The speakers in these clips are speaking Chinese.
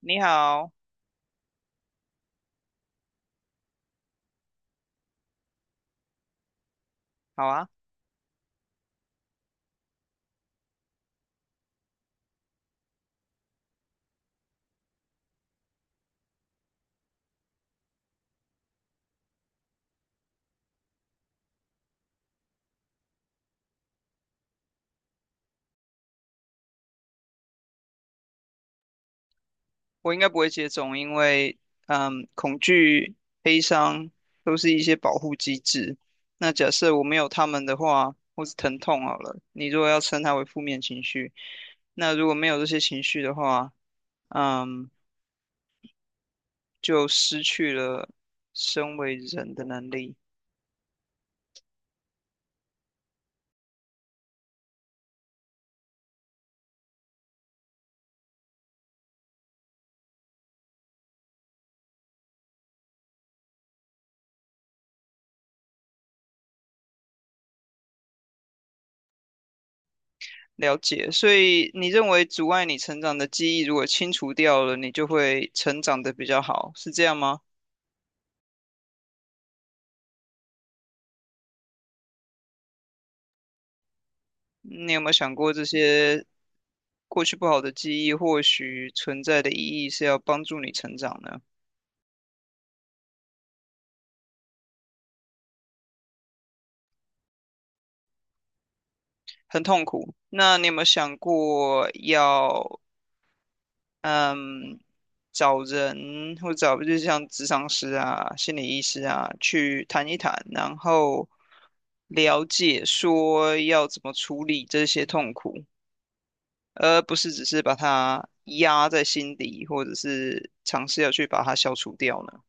你好。好啊。我应该不会接种，因为恐惧、悲伤都是一些保护机制。那假设我没有他们的话，或是疼痛好了，你如果要称它为负面情绪，那如果没有这些情绪的话，嗯，就失去了身为人的能力。了解。所以你认为阻碍你成长的记忆，如果清除掉了，你就会成长得比较好，是这样吗？你有没有想过这些过去不好的记忆或许存在的意义是要帮助你成长呢？很痛苦。那你有没有想过要嗯找人或找就是像咨商师啊、心理医师啊去谈一谈，然后了解说要怎么处理这些痛苦，而不是只是把它压在心底，或者是尝试要去把它消除掉呢？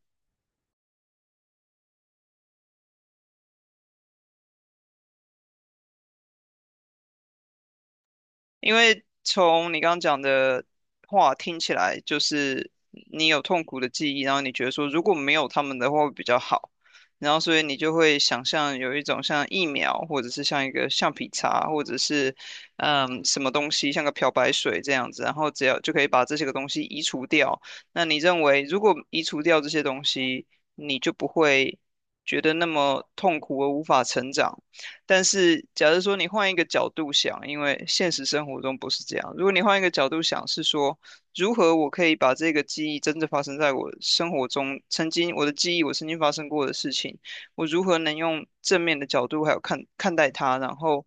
因为从你刚刚讲的话听起来，就是你有痛苦的记忆，然后你觉得说如果没有他们的话会比较好，然后所以你就会想象有一种像疫苗，或者是像一个橡皮擦，或者是什么东西，像个漂白水这样子，然后只要就可以把这些个东西移除掉。那你认为如果移除掉这些东西，你就不会觉得那么痛苦而无法成长？但是，假如说你换一个角度想，因为现实生活中不是这样。如果你换一个角度想，是说如何我可以把这个记忆真正发生在我生活中，曾经我的记忆，我曾经发生过的事情，我如何能用正面的角度还有看待它，然后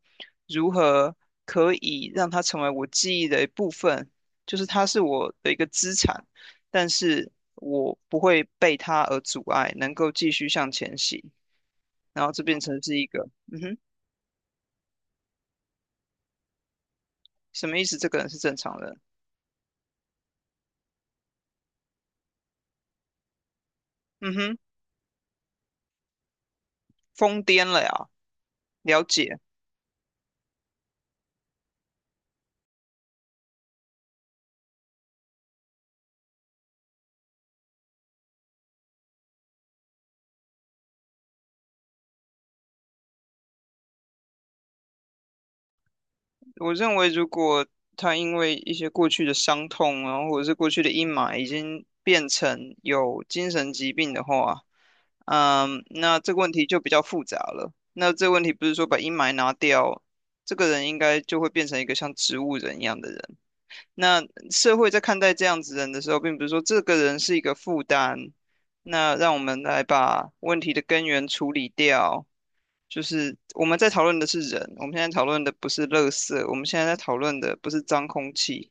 如何可以让它成为我记忆的一部分，就是它是我的一个资产，但是我不会被它而阻碍，能够继续向前行，然后这变成是一个。嗯哼。什么意思？这个人是正常人？嗯哼。疯癫了呀！了解。我认为，如果他因为一些过去的伤痛啊，然后或者是过去的阴霾，已经变成有精神疾病的话，那这个问题就比较复杂了。那这个问题不是说把阴霾拿掉，这个人应该就会变成一个像植物人一样的人。那社会在看待这样子人的时候，并不是说这个人是一个负担，那让我们来把问题的根源处理掉。就是我们在讨论的是人，我们现在讨论的不是垃圾，我们现在在讨论的不是脏空气，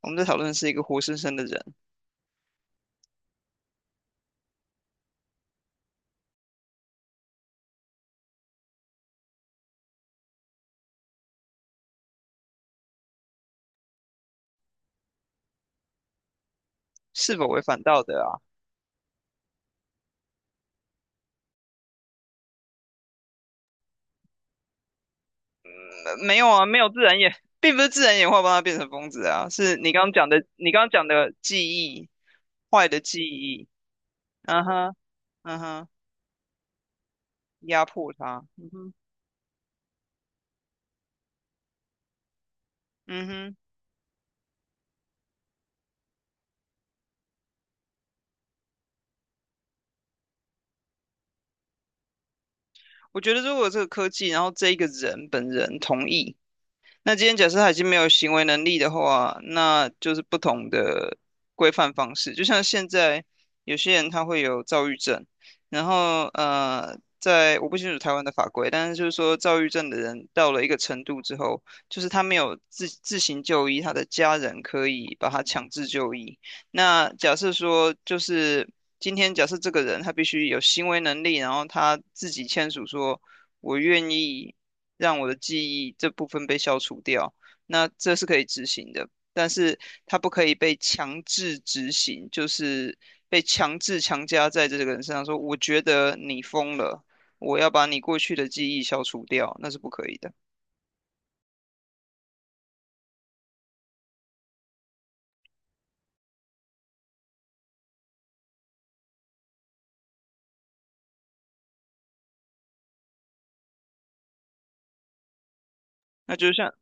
我们在讨论的是一个活生生的人。是否违反道德啊？没有啊，没有自然演，并不是自然演化帮他变成疯子啊，是你刚刚讲的，记忆，坏的记忆。嗯哼。嗯哼。压迫他。嗯哼。嗯哼。我觉得如果这个科技，然后这一个人本人同意。那今天假设他已经没有行为能力的话，那就是不同的规范方式。就像现在有些人他会有躁郁症，然后在我不清楚台湾的法规，但是就是说躁郁症的人到了一个程度之后，就是他没有自行就医，他的家人可以把他强制就医。那假设说就是今天假设这个人他必须有行为能力，然后他自己签署说，我愿意让我的记忆这部分被消除掉，那这是可以执行的，但是它不可以被强制执行，就是被强制强加在这个人身上说，我觉得你疯了，我要把你过去的记忆消除掉，那是不可以的。那就像，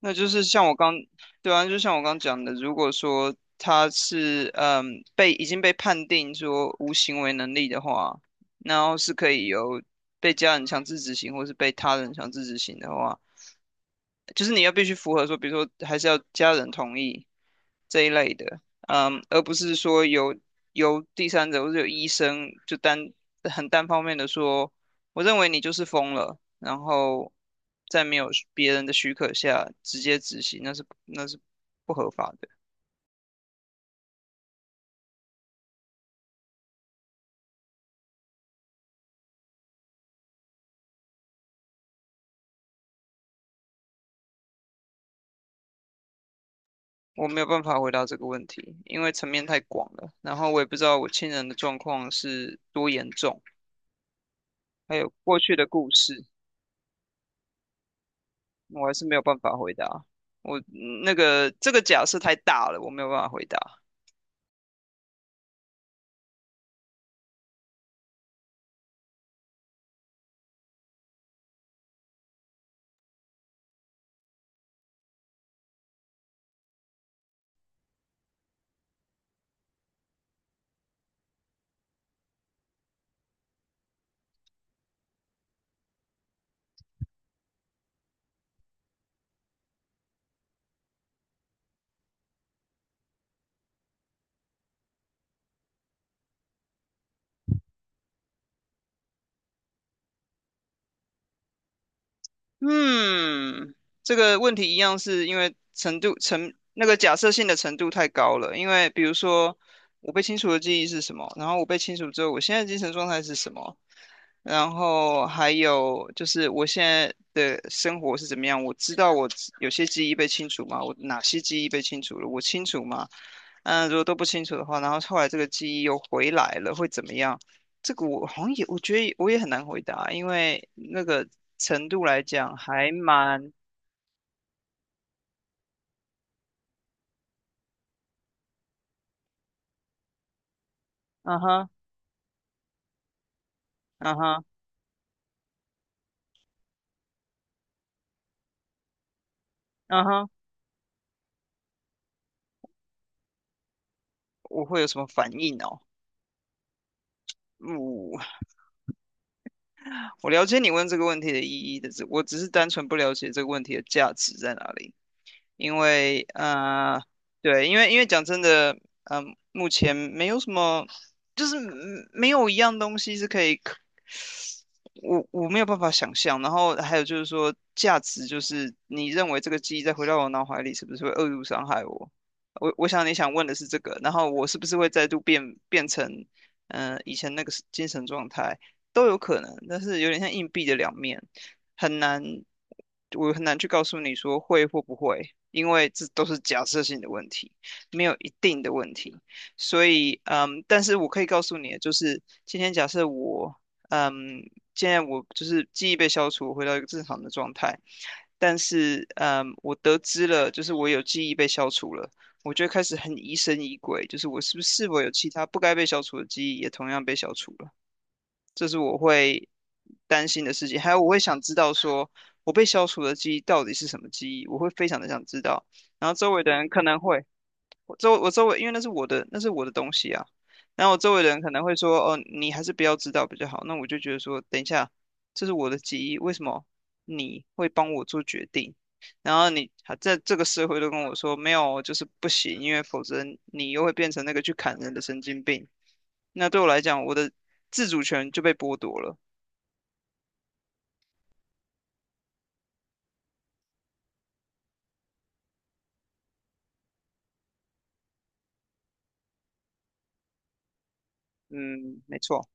那就是像我刚，对啊，就像我刚讲的，如果说他是被已经被判定说无行为能力的话，然后是可以由被家人强制执行或是被他人强制执行的话。就是你要必须符合说，比如说还是要家人同意这一类的，而不是说由第三者或者有医生就很单方面的说，我认为你就是疯了，然后在没有别人的许可下直接执行，那是不合法的。我没有办法回答这个问题，因为层面太广了，然后我也不知道我亲人的状况是多严重，还有过去的故事。我还是没有办法回答。我嗯那个这个假设太大了，我没有办法回答。嗯，这个问题一样是因为程度程那个假设性的程度太高了。因为比如说，我被清除的记忆是什么？然后我被清除之后，我现在的精神状态是什么？然后还有就是我现在的生活是怎么样？我知道我有些记忆被清除吗？我哪些记忆被清除了？我清楚吗？如果都不清楚的话，然后后来这个记忆又回来了，会怎么样？这个我好像也，我觉得我也很难回答，因为那个程度来讲还蛮。嗯哼。嗯哼。嗯哼。我会有什么反应哦？我我了解你问这个问题的意义的，我只是单纯不了解这个问题的价值在哪里。因为对，因为讲真的，目前没有什么，就是没有一样东西是可以可，我没有办法想象。然后还有就是说，价值就是你认为这个记忆再回到我脑海里，是不是会恶意伤害我？我想你想问的是这个，然后我是不是会再度变成，以前那个精神状态都有可能，但是有点像硬币的两面，很难，我很难去告诉你说会或不会。因为这都是假设性的问题，没有一定的问题。所以，但是我可以告诉你，就是今天假设我，嗯，现在我就是记忆被消除，我回到一个正常的状态，但是，我得知了，就是我有记忆被消除了，我就会开始很疑神疑鬼，就是我是否有其他不该被消除的记忆也同样被消除了。这是我会担心的事情。还有，我会想知道说，我被消除的记忆到底是什么记忆，我会非常的想知道。然后周围的人可能会，我周围，因为那是我的，那是我的东西啊。然后我周围的人可能会说，哦，你还是不要知道比较好。那我就觉得说，等一下，这是我的记忆，为什么你会帮我做决定？然后你还在这个社会都跟我说没有，就是不行，因为否则你又会变成那个去砍人的神经病。那对我来讲，我的自主权就被剥夺了。嗯，没错。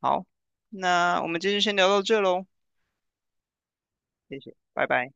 好，那我们今天先聊到这喽。谢谢，拜拜。